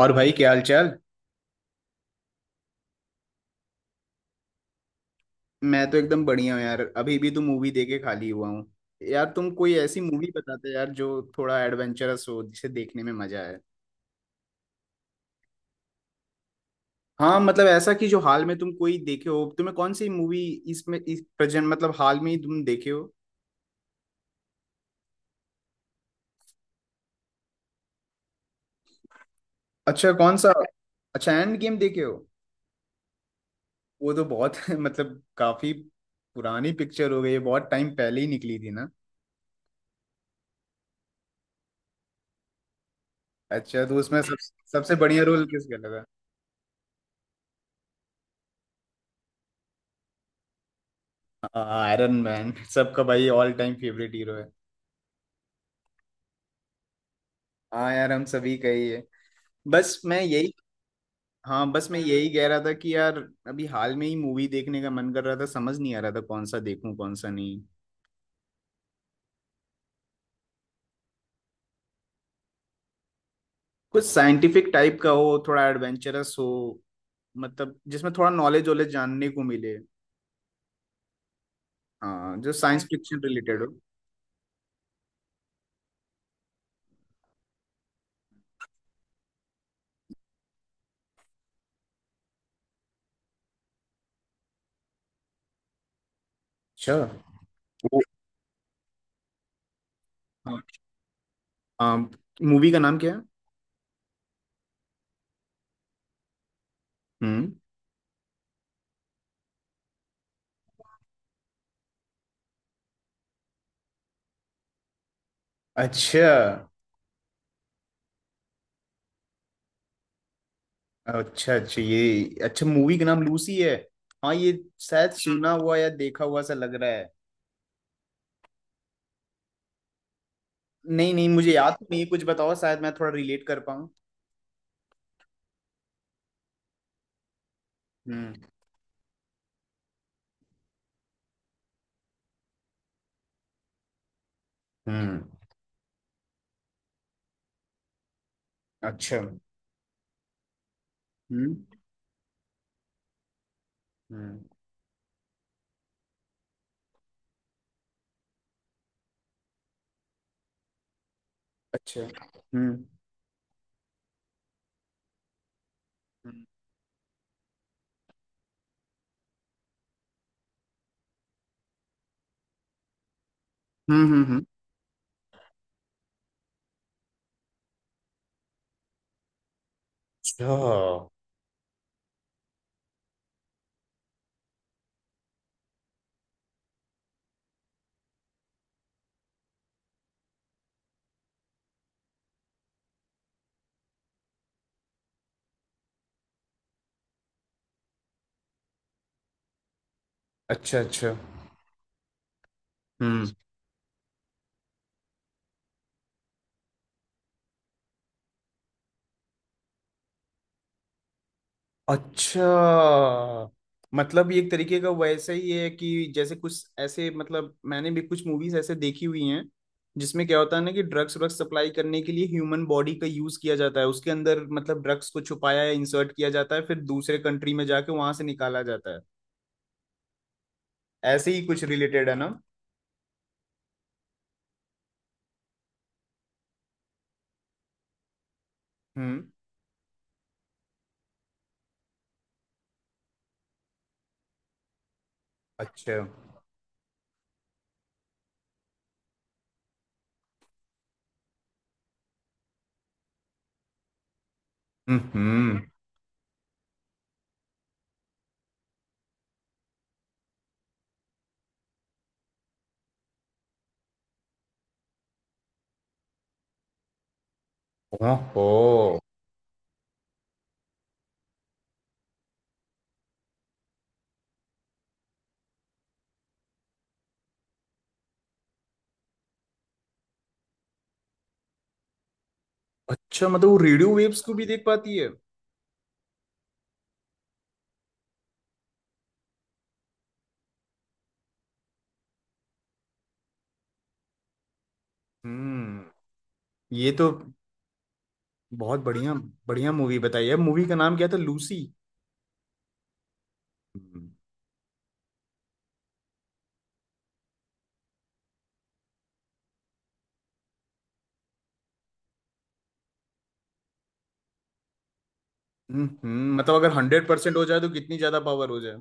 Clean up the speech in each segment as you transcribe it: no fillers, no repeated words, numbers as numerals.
और भाई क्या हाल चाल। मैं तो एकदम बढ़िया हूँ यार, अभी भी तो मूवी देख के खाली हुआ हूँ। यार तुम कोई ऐसी मूवी बताते यार जो थोड़ा एडवेंचरस हो जिसे देखने में मजा आए। हाँ मतलब ऐसा कि जो हाल में तुम कोई देखे हो, तुम्हें कौन सी मूवी इसमें, इस प्रेजेंट मतलब हाल में ही तुम देखे हो। अच्छा कौन सा। अच्छा एंड गेम देखे हो। वो तो बहुत मतलब काफी पुरानी पिक्चर हो गई है, बहुत टाइम पहले ही निकली थी ना। अच्छा तो उसमें सब सबसे बढ़िया रोल किसका लगा। आयरन मैन सबका भाई ऑल टाइम फेवरेट हीरो है। हाँ यार हम सभी का ही है, बस मैं यही। हाँ बस मैं यही कह रहा था कि यार अभी हाल में ही मूवी देखने का मन कर रहा था, समझ नहीं आ रहा था कौन सा देखूं कौन सा नहीं। कुछ साइंटिफिक टाइप का हो थोड़ा एडवेंचरस हो, मतलब जिसमें थोड़ा नॉलेज वॉलेज जानने को मिले। हाँ जो साइंस फिक्शन रिलेटेड हो। अच्छा। वो- हाँ हाँ। मूवी का नाम क्या है। हम्म। अच्छा अच्छा। अच्छा ये अच्छा मूवी का नाम लूसी है। हाँ ये शायद सुना हुआ या देखा हुआ सा लग रहा है। नहीं नहीं मुझे याद तो नहीं है, कुछ बताओ शायद मैं थोड़ा रिलेट कर पाऊँ। हम्म हम्म। अच्छा। हम्म हम्म। अच्छा। हम्म हम्म हम्म, हम्म। अच्छा अच्छा। अच्छा। हम्म। अच्छा मतलब ये एक तरीके का वैसा ही है कि जैसे कुछ ऐसे मतलब मैंने भी कुछ मूवीज ऐसे देखी हुई हैं जिसमें क्या होता है ना कि ड्रग्स व्रग्स सप्लाई करने के लिए ह्यूमन बॉडी का यूज किया जाता है, उसके अंदर मतलब ड्रग्स को छुपाया या इंसर्ट किया जाता है, फिर दूसरे कंट्री में जाके वहां से निकाला जाता है। ऐसे ही कुछ रिलेटेड है ना। हम्म। अच्छा। हम्म। ओहो। अच्छा मतलब वो रेडियो वेव्स को भी देख पाती है। हम्म। ये तो बहुत बढ़िया। बढ़िया मूवी बताई है, मूवी का नाम क्या था लूसी। हम्म। मतलब अगर 100% हो जाए तो कितनी ज्यादा पावर हो जाए।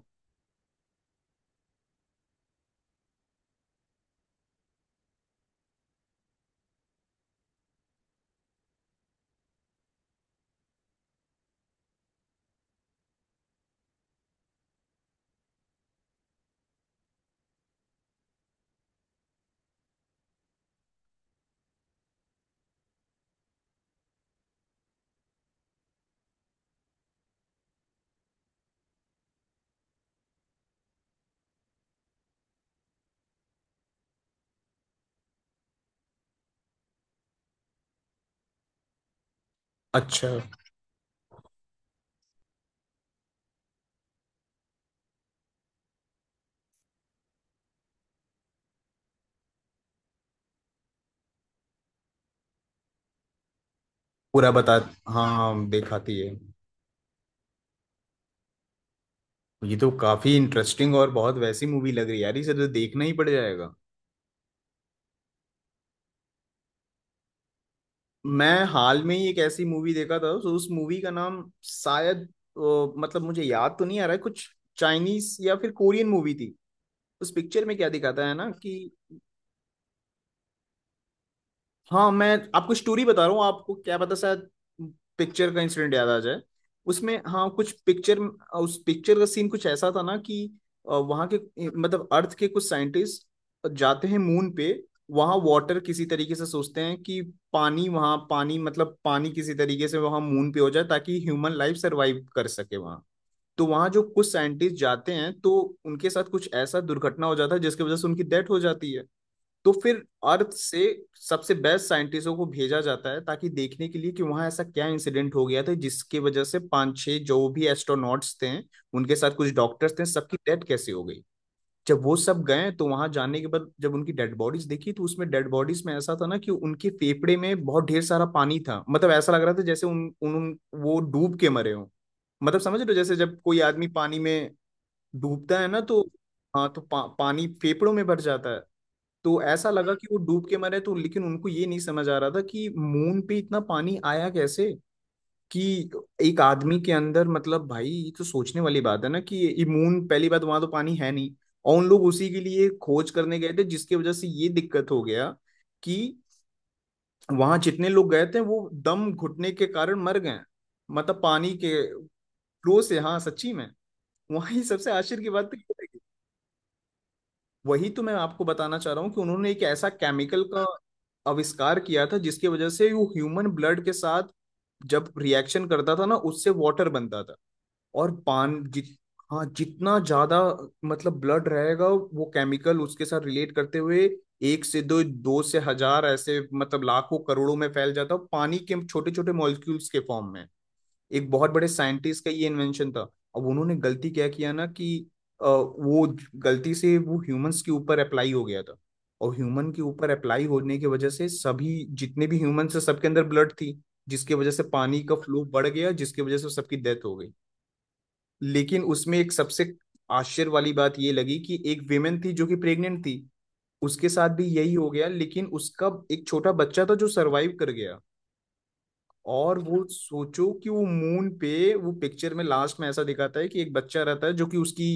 अच्छा। पूरा बता। हाँ हाँ दिखाती है। ये तो काफी इंटरेस्टिंग और बहुत वैसी मूवी लग रही है यार, इसे तो देखना ही पड़ जाएगा। मैं हाल में ही एक ऐसी मूवी देखा था तो उस मूवी का नाम शायद मतलब मुझे याद तो नहीं आ रहा है कुछ। चाइनीस या फिर कोरियन मूवी थी। उस पिक्चर में क्या दिखाता है ना कि हाँ मैं आपको स्टोरी बता रहा हूँ, आपको क्या पता शायद पिक्चर का इंसिडेंट याद आ जाए। उसमें हाँ कुछ पिक्चर उस पिक्चर का सीन कुछ ऐसा था ना कि वहाँ के मतलब अर्थ के कुछ साइंटिस्ट जाते हैं मून पे। वहाँ वाटर किसी तरीके से सोचते हैं कि पानी वहाँ, पानी मतलब पानी किसी तरीके से वहाँ मून पे हो जाए ताकि ह्यूमन लाइफ सरवाइव कर सके वहाँ। तो वहाँ जो कुछ साइंटिस्ट जाते हैं तो उनके साथ कुछ ऐसा दुर्घटना हो जाता है जिसकी वजह से उनकी डेथ हो जाती है। तो फिर अर्थ से सबसे बेस्ट साइंटिस्टों को भेजा जाता है ताकि देखने के लिए कि वहां ऐसा क्या इंसिडेंट हो गया था जिसकी वजह से पांच छह जो भी एस्ट्रोनॉट्स थे, उनके साथ कुछ डॉक्टर्स थे, सबकी डेथ कैसे हो गई। जब वो सब गए तो वहां जाने के बाद जब उनकी डेड बॉडीज देखी तो उसमें डेड बॉडीज में ऐसा था ना कि उनके फेफड़े में बहुत ढेर सारा पानी था, मतलब ऐसा लग रहा था जैसे उन वो डूब के मरे हों। मतलब समझ रहे हो जैसे जब कोई आदमी पानी में डूबता है ना तो हाँ तो पानी फेफड़ों में भर जाता है। तो ऐसा लगा कि वो डूब के मरे तो लेकिन उनको ये नहीं समझ आ रहा था कि मून पे इतना पानी आया कैसे, कि एक आदमी के अंदर मतलब भाई ये तो सोचने वाली बात है ना कि ये मून पहली बात वहां तो पानी है नहीं। और उन लोग उसी के लिए खोज करने गए थे जिसकी वजह से ये दिक्कत हो गया कि वहां जितने लोग गए थे वो दम घुटने के कारण मर गए, मतलब पानी के फ्लो से। हाँ सच्ची में वहां ये सबसे आश्चर्य की बात तो ये है। वही तो मैं आपको बताना चाह रहा हूँ कि उन्होंने एक ऐसा केमिकल का आविष्कार किया था जिसकी वजह से वो ह्यूमन ब्लड के साथ जब रिएक्शन करता था ना उससे वाटर बनता था। और पान जित हाँ जितना ज्यादा मतलब ब्लड रहेगा वो केमिकल उसके साथ रिलेट करते हुए एक से दो, दो से हजार ऐसे मतलब लाखों करोड़ों में फैल जाता है पानी के छोटे छोटे मॉलिक्यूल्स के फॉर्म में। एक बहुत बड़े साइंटिस्ट का ये इन्वेंशन था। अब उन्होंने गलती क्या किया ना कि वो गलती से वो ह्यूमंस के ऊपर अप्लाई हो गया था। और ह्यूमन के ऊपर अप्लाई होने की वजह से सभी जितने भी ह्यूमंस थे सबके अंदर ब्लड थी जिसकी वजह से पानी का फ्लो बढ़ गया जिसकी वजह से सबकी डेथ हो गई। लेकिन उसमें एक सबसे आश्चर्य वाली बात ये लगी कि एक विमेन थी जो कि प्रेग्नेंट थी, उसके साथ भी यही हो गया लेकिन उसका एक छोटा बच्चा था जो सरवाइव कर गया। और वो सोचो कि वो मून पे, वो पिक्चर में लास्ट में ऐसा दिखाता है कि एक बच्चा रहता है जो कि उसकी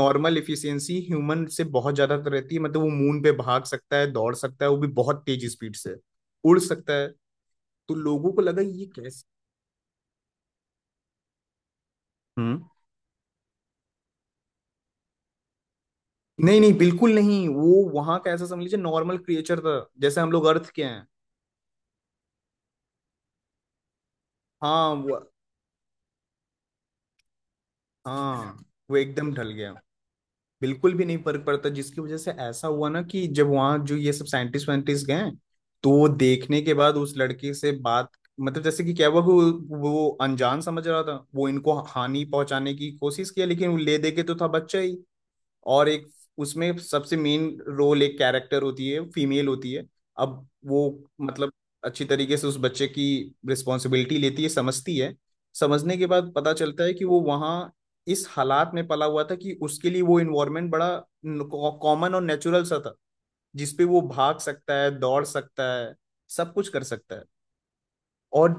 नॉर्मल इफिशियंसी ह्यूमन से बहुत ज्यादा रहती है, मतलब वो मून पे भाग सकता है दौड़ सकता है वो भी बहुत तेज स्पीड से उड़ सकता है। तो लोगों को लगा ये कैसे। हम्म। नहीं नहीं बिल्कुल नहीं, वो वहां का ऐसा समझ लीजिए नॉर्मल क्रिएचर था जैसे हम लोग अर्थ के हैं। हाँ वो हाँ वो एकदम ढल गया, बिल्कुल भी नहीं फर्क पड़ता जिसकी वजह से ऐसा हुआ ना कि जब वहां जो ये सब साइंटिस्ट वाइंटिस्ट गए तो वो देखने के बाद उस लड़के से बात, मतलब जैसे कि क्या हुआ कि वो अनजान समझ रहा था वो इनको हानि पहुंचाने की कोशिश किया लेकिन वो ले दे के तो था बच्चा ही। और एक उसमें सबसे मेन रोल एक कैरेक्टर होती है फीमेल होती है। अब वो मतलब अच्छी तरीके से उस बच्चे की रिस्पॉन्सिबिलिटी लेती है समझती है। समझने के बाद पता चलता है कि वो वहाँ इस हालात में पला हुआ था कि उसके लिए वो इन्वायरमेंट बड़ा कॉमन और नेचुरल सा था जिसपे वो भाग सकता है दौड़ सकता है सब कुछ कर सकता है। और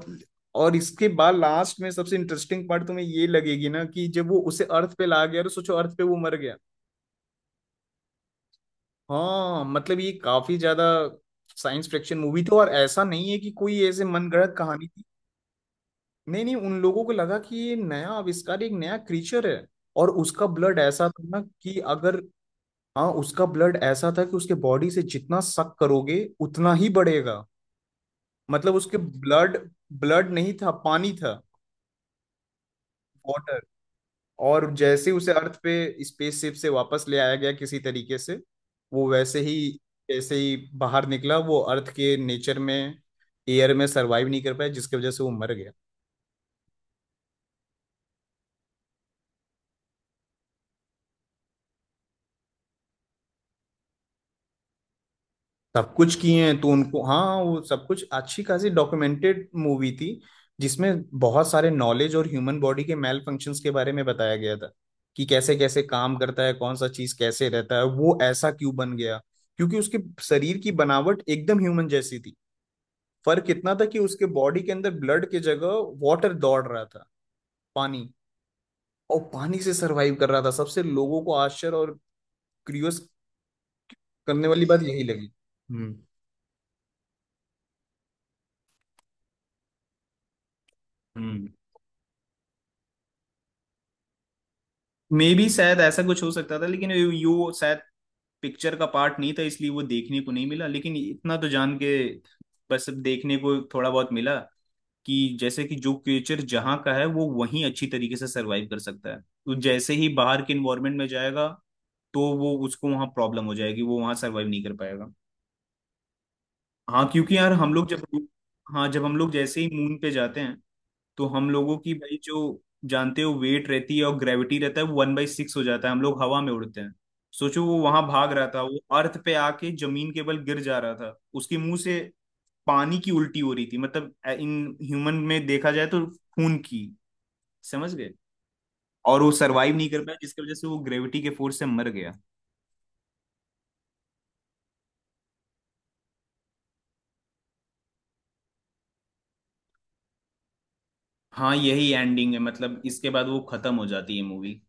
और इसके बाद लास्ट में सबसे इंटरेस्टिंग पार्ट तुम्हें ये लगेगी ना कि जब वो उसे अर्थ पे ला गया और सोचो अर्थ पे वो मर गया। हाँ मतलब ये काफी ज्यादा साइंस फिक्शन मूवी थी और ऐसा नहीं है कि कोई ऐसे मनगढ़ंत कहानी थी। नहीं नहीं उन लोगों को लगा कि ये नया आविष्कार एक नया क्रीचर है। और उसका ब्लड ऐसा था ना कि अगर हाँ उसका ब्लड ऐसा था कि उसके बॉडी से जितना सक करोगे उतना ही बढ़ेगा। मतलब उसके ब्लड ब्लड नहीं था पानी था वाटर। और जैसे उसे अर्थ पे स्पेसशिप से वापस ले आया गया किसी तरीके से वो वैसे ही जैसे ही बाहर निकला वो अर्थ के नेचर में एयर में सरवाइव नहीं कर पाया जिसकी वजह से वो मर गया। सब कुछ किए हैं तो उनको हाँ वो सब कुछ अच्छी खासी डॉक्यूमेंटेड मूवी थी जिसमें बहुत सारे नॉलेज और ह्यूमन बॉडी के मेल फंक्शंस के बारे में बताया गया था। कि कैसे कैसे काम करता है कौन सा चीज कैसे रहता है वो ऐसा क्यों बन गया क्योंकि उसके शरीर की बनावट एकदम ह्यूमन जैसी थी। फर्क इतना था कि उसके बॉडी के अंदर ब्लड के जगह वाटर दौड़ रहा था, पानी। और पानी से सरवाइव कर रहा था, सबसे लोगों को आश्चर्य और क्यूरियस करने वाली बात यही लगी। हम्म हम्म। मे बी शायद ऐसा कुछ हो सकता था लेकिन यू यू शायद पिक्चर का पार्ट नहीं था इसलिए वो देखने को नहीं मिला लेकिन इतना तो जान के बस अब देखने को थोड़ा बहुत मिला। कि जैसे कि जो क्रिएचर जहाँ का है वो वहीं अच्छी तरीके से सरवाइव कर सकता है तो जैसे ही बाहर के इन्वायरमेंट में जाएगा तो वो उसको वहाँ प्रॉब्लम हो जाएगी, वो वहाँ सरवाइव नहीं कर पाएगा। हाँ क्योंकि यार हम लोग जब हाँ जब हम लोग जैसे ही मून पे जाते हैं तो हम लोगों की भाई जो जानते हो वेट रहती है और ग्रेविटी रहता है वो 1/6 हो जाता है हम लोग हवा में उड़ते हैं। सोचो वो वहां भाग रहा था वो अर्थ पे आके जमीन के बल गिर जा रहा था उसके मुंह से पानी की उल्टी हो रही थी मतलब इन ह्यूमन में देखा जाए तो खून की, समझ गए। और वो सरवाइव नहीं कर पाया जिसकी वजह से वो ग्रेविटी के फोर्स से मर गया। हाँ यही एंडिंग है मतलब इसके बाद वो खत्म हो जाती है मूवी।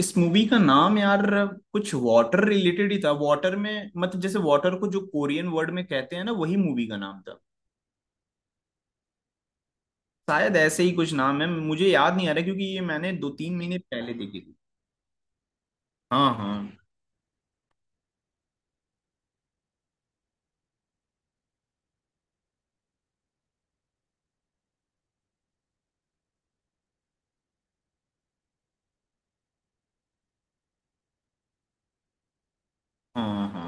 इस मूवी का नाम यार कुछ वाटर रिलेटेड ही था, वाटर में मतलब जैसे वाटर को जो कोरियन वर्ड में कहते हैं ना वही मूवी का नाम था। शायद ऐसे ही कुछ नाम है मुझे याद नहीं आ रहा क्योंकि ये मैंने 2 3 महीने पहले देखी थी। हाँ हाँ हाँ हाँ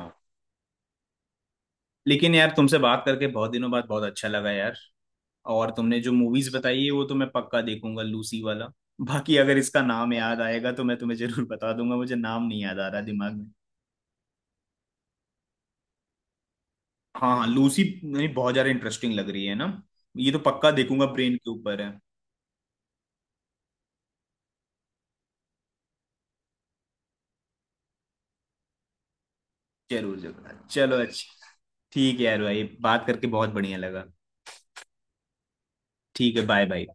लेकिन यार तुमसे बात करके बहुत दिनों बाद बहुत अच्छा लगा यार। और तुमने जो मूवीज बताई है वो तो मैं पक्का देखूंगा, लूसी वाला। बाकी अगर इसका नाम याद आएगा तो मैं तुम्हें जरूर बता दूंगा, मुझे नाम नहीं याद आ रहा दिमाग में। हाँ हाँ लूसी नहीं बहुत ज्यादा इंटरेस्टिंग लग रही है ना, ये तो पक्का देखूंगा, ब्रेन के ऊपर है। जरूर जरूर चलो अच्छा। ठीक है यार भाई बात करके बहुत बढ़िया लगा। ठीक है बाय बाय।